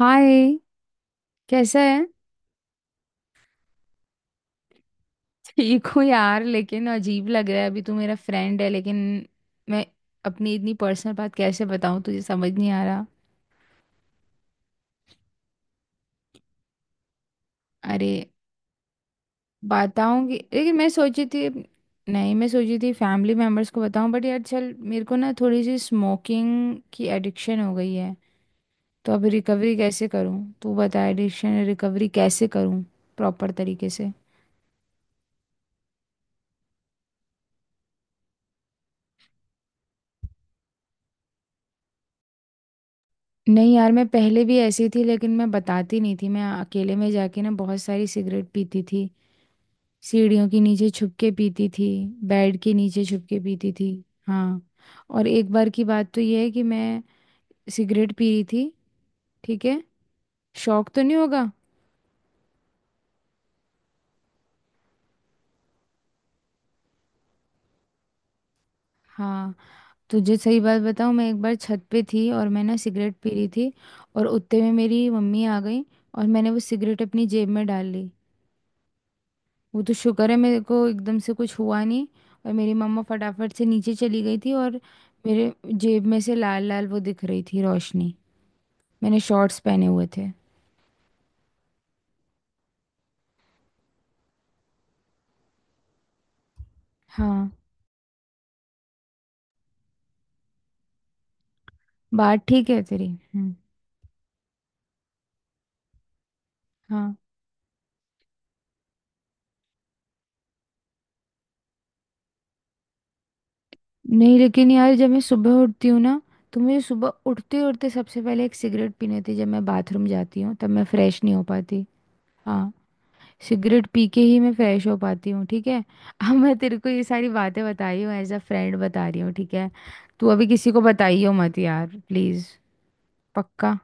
हाय। कैसा है? ठीक हूँ यार, लेकिन अजीब लग रहा है। अभी तू मेरा फ्रेंड है, लेकिन मैं अपनी इतनी पर्सनल बात कैसे बताऊँ तुझे, समझ नहीं आ रहा। अरे, बताऊंगी, लेकिन मैं सोची थी, नहीं मैं सोची थी फैमिली मेम्बर्स को बताऊं, बट यार चल, मेरे को ना थोड़ी सी स्मोकिंग की एडिक्शन हो गई है। तो अभी रिकवरी कैसे करूं, तू बता, एडिक्शन रिकवरी कैसे करूं प्रॉपर तरीके से। नहीं यार, मैं पहले भी ऐसी थी, लेकिन मैं बताती नहीं थी। मैं अकेले में जाके ना बहुत सारी सिगरेट पीती थी। सीढ़ियों के नीचे छुप के पीती थी, बेड के नीचे छुप के पीती थी। हाँ, और एक बार की बात तो ये है कि मैं सिगरेट पी रही थी, ठीक है। शौक तो नहीं होगा। हाँ, तुझे सही बात बताऊँ, मैं एक बार छत पे थी और मैं ना सिगरेट पी रही थी, और उतने में मेरी मम्मी आ गई, और मैंने वो सिगरेट अपनी जेब में डाल ली। वो तो शुक्र है मेरे को एकदम से कुछ हुआ नहीं। और मेरी मम्मा फटाफट से नीचे चली गई थी, और मेरे जेब में से लाल लाल वो दिख रही थी रोशनी। मैंने शॉर्ट्स पहने हुए थे। हाँ, बात ठीक है तेरी। हम्म, हाँ। नहीं लेकिन यार, जब मैं सुबह उठती हूँ ना, तो मुझे सुबह उठते उठते सबसे पहले एक सिगरेट पीनी थी। जब मैं बाथरूम जाती हूँ तब मैं फ्रेश नहीं हो पाती। हाँ, सिगरेट पी के ही मैं फ्रेश हो पाती हूँ, ठीक है। अब मैं तेरे को ये सारी बातें बता रही हूँ एज अ फ्रेंड बता रही हूँ, ठीक है। तू अभी किसी को बताइयो मत यार प्लीज़। पक्का?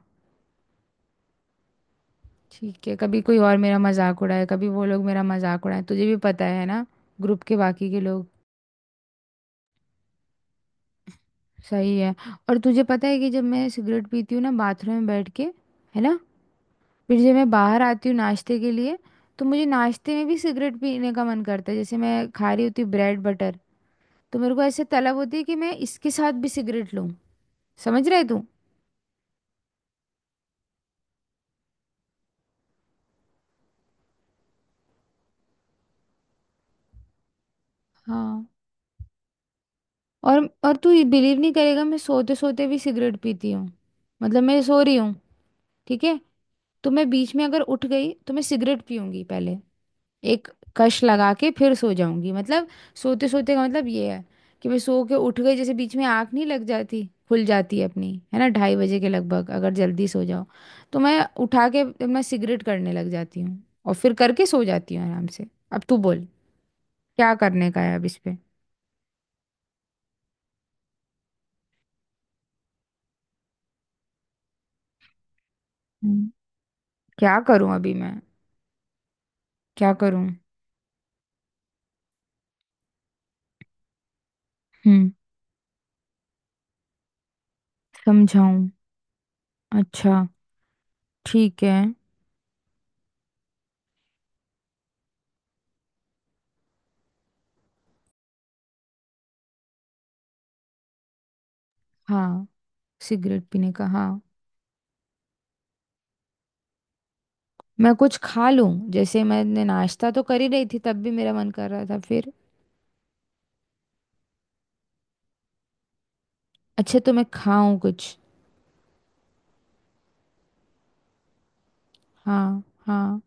ठीक है। कभी कोई और मेरा मजाक उड़ाए, कभी वो लोग मेरा मजाक उड़ाए, तुझे भी पता है ना, ग्रुप के बाकी के लोग। सही है। और तुझे पता है कि जब मैं सिगरेट पीती हूँ ना बाथरूम में बैठ के, है ना, फिर जब मैं बाहर आती हूँ नाश्ते के लिए, तो मुझे नाश्ते में भी सिगरेट पीने का मन करता है। जैसे मैं खा रही होती ब्रेड बटर, तो मेरे को ऐसे तलब होती है कि मैं इसके साथ भी सिगरेट लूं। समझ रहे तू? हाँ। और तू बिलीव नहीं करेगा, मैं सोते सोते भी सिगरेट पीती हूँ। मतलब मैं सो रही हूँ, ठीक है, तो मैं बीच में अगर उठ गई तो मैं सिगरेट पीऊंगी पहले, एक कश लगा के फिर सो जाऊंगी। मतलब सोते सोते का मतलब ये है कि मैं सो के उठ गई, जैसे बीच में आँख नहीं लग जाती, खुल जाती है अपनी, है ना, 2:30 बजे के लगभग अगर जल्दी सो जाओ, तो मैं उठा के मैं सिगरेट करने लग जाती हूँ और फिर करके सो जाती हूँ आराम से। अब तू बोल, क्या करने का है अब इस पे। हम्म, क्या करूं अभी मैं, क्या करूं? हम्म, समझाऊं? अच्छा, ठीक है। हाँ, सिगरेट पीने का, हाँ। मैं कुछ खा लूं? जैसे मैंने नाश्ता तो कर ही रही थी, तब भी मेरा मन कर रहा था फिर। अच्छा, तो मैं खाऊं कुछ? हाँ हाँ,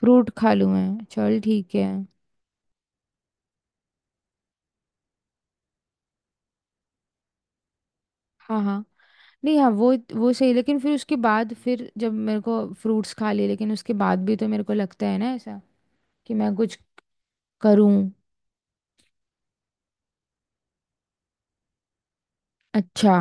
फ्रूट खा लूं, मैं चल ठीक है। हाँ हाँ। नहीं हाँ, वो सही, लेकिन फिर उसके बाद, फिर जब मेरे को फ्रूट्स खा लिए, लेकिन उसके बाद भी तो मेरे को लगता है ना ऐसा कि मैं कुछ करूं। अच्छा।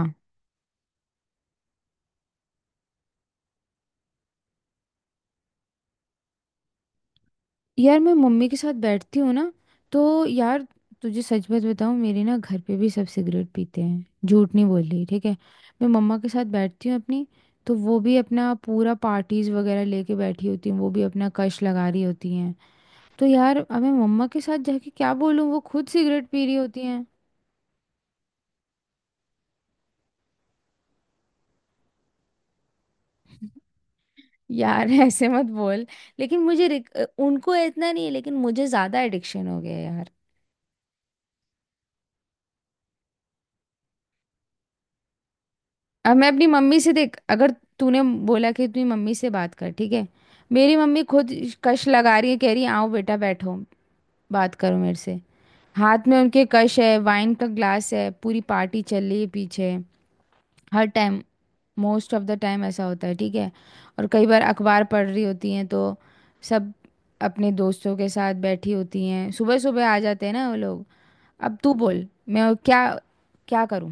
यार मैं मम्मी के साथ बैठती हूँ ना, तो, यार तुझे सच बात बताऊँ, मेरे ना घर पे भी सब सिगरेट पीते हैं, झूठ नहीं बोल रही, ठीक है। मैं मम्मा के साथ बैठती हूँ अपनी, तो वो भी अपना पूरा पार्टीज वगैरह लेके बैठी होती हैं, वो भी अपना कश लगा रही होती हैं। तो यार अब मैं मम्मा के साथ जाके क्या बोलूँ, वो खुद सिगरेट पी रही होती हैं। यार ऐसे मत बोल। लेकिन मुझे उनको इतना नहीं है, लेकिन मुझे ज़्यादा एडिक्शन हो गया है यार। अब मैं अपनी मम्मी से, देख अगर तूने बोला कि अपनी मम्मी से बात कर, ठीक है, मेरी मम्मी खुद कश लगा रही है, कह रही है आओ बेटा बैठो, बात करो मेरे से। हाथ में उनके कश है, वाइन का ग्लास है, पूरी पार्टी चल रही है पीछे। हर time, most of the time ऐसा होता है, ठीक है। और कई बार अखबार पढ़ रही होती हैं, तो सब अपने दोस्तों के साथ बैठी होती हैं, सुबह सुबह आ जाते हैं ना वो लोग। अब तू बोल, मैं क्या क्या करूं?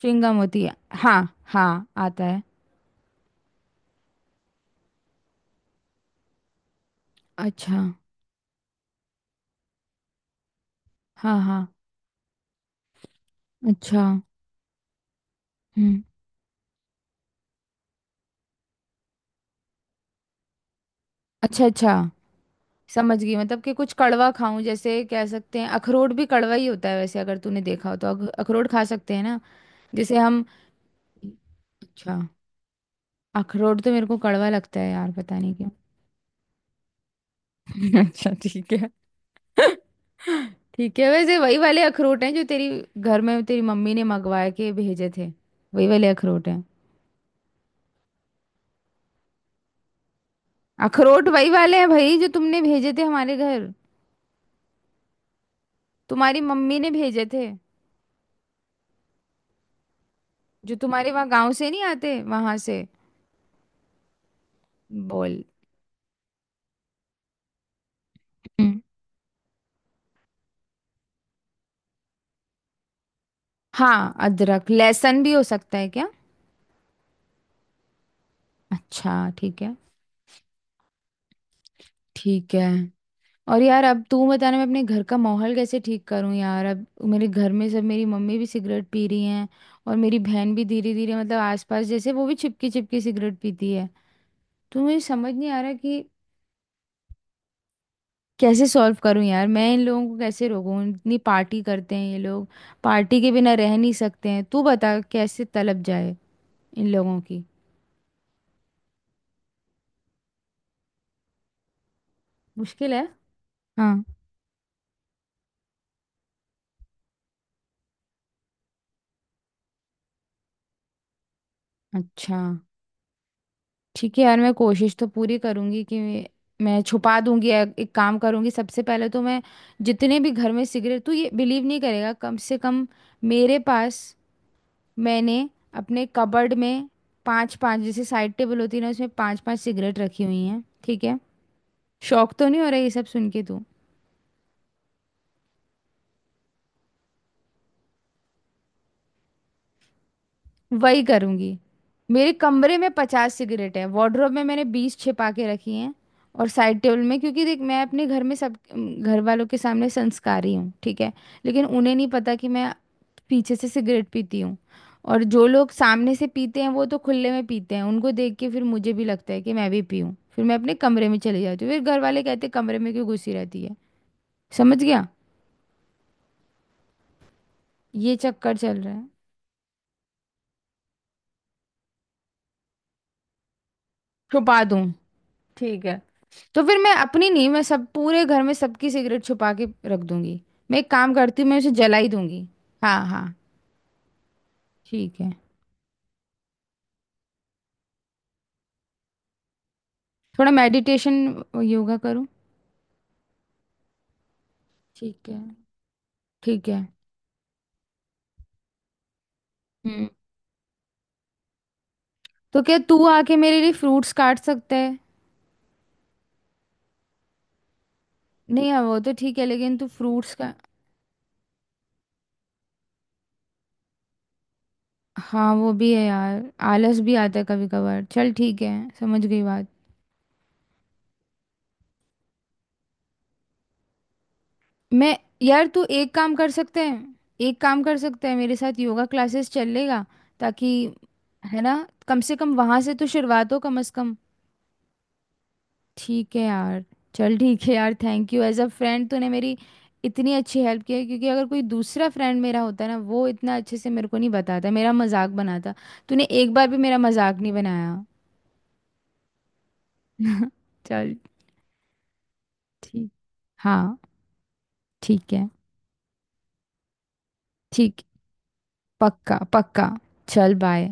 च्युइंगम होती है? हाँ हाँ आता है। अच्छा। हाँ हाँ। अच्छा। हम्म। अच्छा, अच्छा, समझ गई मतलब कि कुछ कड़वा खाऊं। जैसे कह सकते हैं अखरोट भी कड़वा ही होता है वैसे, अगर तूने देखा हो, तो अखरोट खा सकते हैं ना जैसे हम। अच्छा। अखरोट तो मेरे को कड़वा लगता है यार, पता नहीं क्यों। अच्छा ठीक है। ठीक है, वैसे वही वाले अखरोट हैं जो तेरी घर में, तेरी मम्मी ने मंगवा के भेजे थे। वही वाले अखरोट हैं। अखरोट वही वाले हैं भाई जो तुमने भेजे थे हमारे घर। तुम्हारी मम्मी ने भेजे थे, जो तुम्हारे वहाँ गांव से नहीं आते वहां से। बोल। हम्म, हाँ, अदरक लहसुन भी हो सकता है क्या? अच्छा ठीक है। ठीक है। और यार अब तू बताना, मैं अपने घर का माहौल कैसे ठीक करूं यार अब। मेरे घर में सब, मेरी मम्मी भी सिगरेट पी रही हैं, और मेरी बहन भी धीरे धीरे मतलब आसपास, जैसे वो भी चिपकी चिपकी सिगरेट पीती है। तो मुझे समझ नहीं आ रहा कि कैसे सॉल्व करूं यार, मैं इन लोगों को कैसे रोकूं? इतनी पार्टी करते हैं ये लोग, पार्टी के बिना रह नहीं सकते हैं। तू बता कैसे तलब जाए इन लोगों की। मुश्किल है। हाँ। अच्छा, ठीक है यार, मैं कोशिश तो पूरी करूंगी कि मैं छुपा दूंगी, या एक काम करूंगी, सबसे पहले तो मैं जितने भी घर में सिगरेट, तू ये बिलीव नहीं करेगा, कम से कम मेरे पास, मैंने अपने कबर्ड में 5-5, जैसे साइड टेबल होती है ना, उसमें 5-5 सिगरेट रखी हुई हैं, ठीक है। शौक तो नहीं हो रहा ये सब सुन के तू? वही करूंगी। मेरे कमरे में 50 सिगरेट है, वार्डरोब में मैंने 20 छिपा के रखी हैं और साइड टेबल में, क्योंकि देख मैं अपने घर में सब घर वालों के सामने संस्कारी हूँ, ठीक है, लेकिन उन्हें नहीं पता कि मैं पीछे से सिगरेट पीती हूँ। और जो लोग सामने से पीते हैं, वो तो खुले में पीते हैं, उनको देख के फिर मुझे भी लगता है कि मैं भी पीऊँ, फिर मैं अपने कमरे में चली जाती हूँ, फिर घर वाले कहते कमरे में क्यों घुसी रहती है। समझ गया? ये चक्कर चल रहा है। छुपा दूँ? ठीक है। तो फिर मैं अपनी नहीं, मैं सब पूरे घर में सबकी सिगरेट छुपा के रख दूंगी। मैं एक काम करती हूँ, मैं उसे जला ही दूंगी। हाँ हाँ, ठीक है। थोड़ा मेडिटेशन योगा करूँ? ठीक है। ठीक है। हम्म। तो क्या तू आके मेरे लिए फ्रूट्स काट सकता है? नहीं हाँ, वो तो ठीक है, लेकिन तू फ्रूट्स का। हाँ, वो भी है यार, आलस भी आता है कभी कभार। चल ठीक है, समझ गई बात। मैं, यार तू एक काम कर सकते हैं, एक काम कर सकते हैं, मेरे साथ योगा क्लासेस चल लेगा, ताकि, है ना, कम से कम वहां से तो शुरुआत हो कम से कम। ठीक है यार। चल ठीक है यार, thank you as a friend, तूने मेरी इतनी अच्छी हेल्प की है, क्योंकि अगर कोई दूसरा फ्रेंड मेरा होता ना, वो इतना अच्छे से मेरे को नहीं बताता, मेरा मजाक बनाता। तूने एक बार भी मेरा मजाक नहीं बनाया। चल। ठीक। हाँ। ठीक है। ठीक। पक्का पक्का। चल बाय।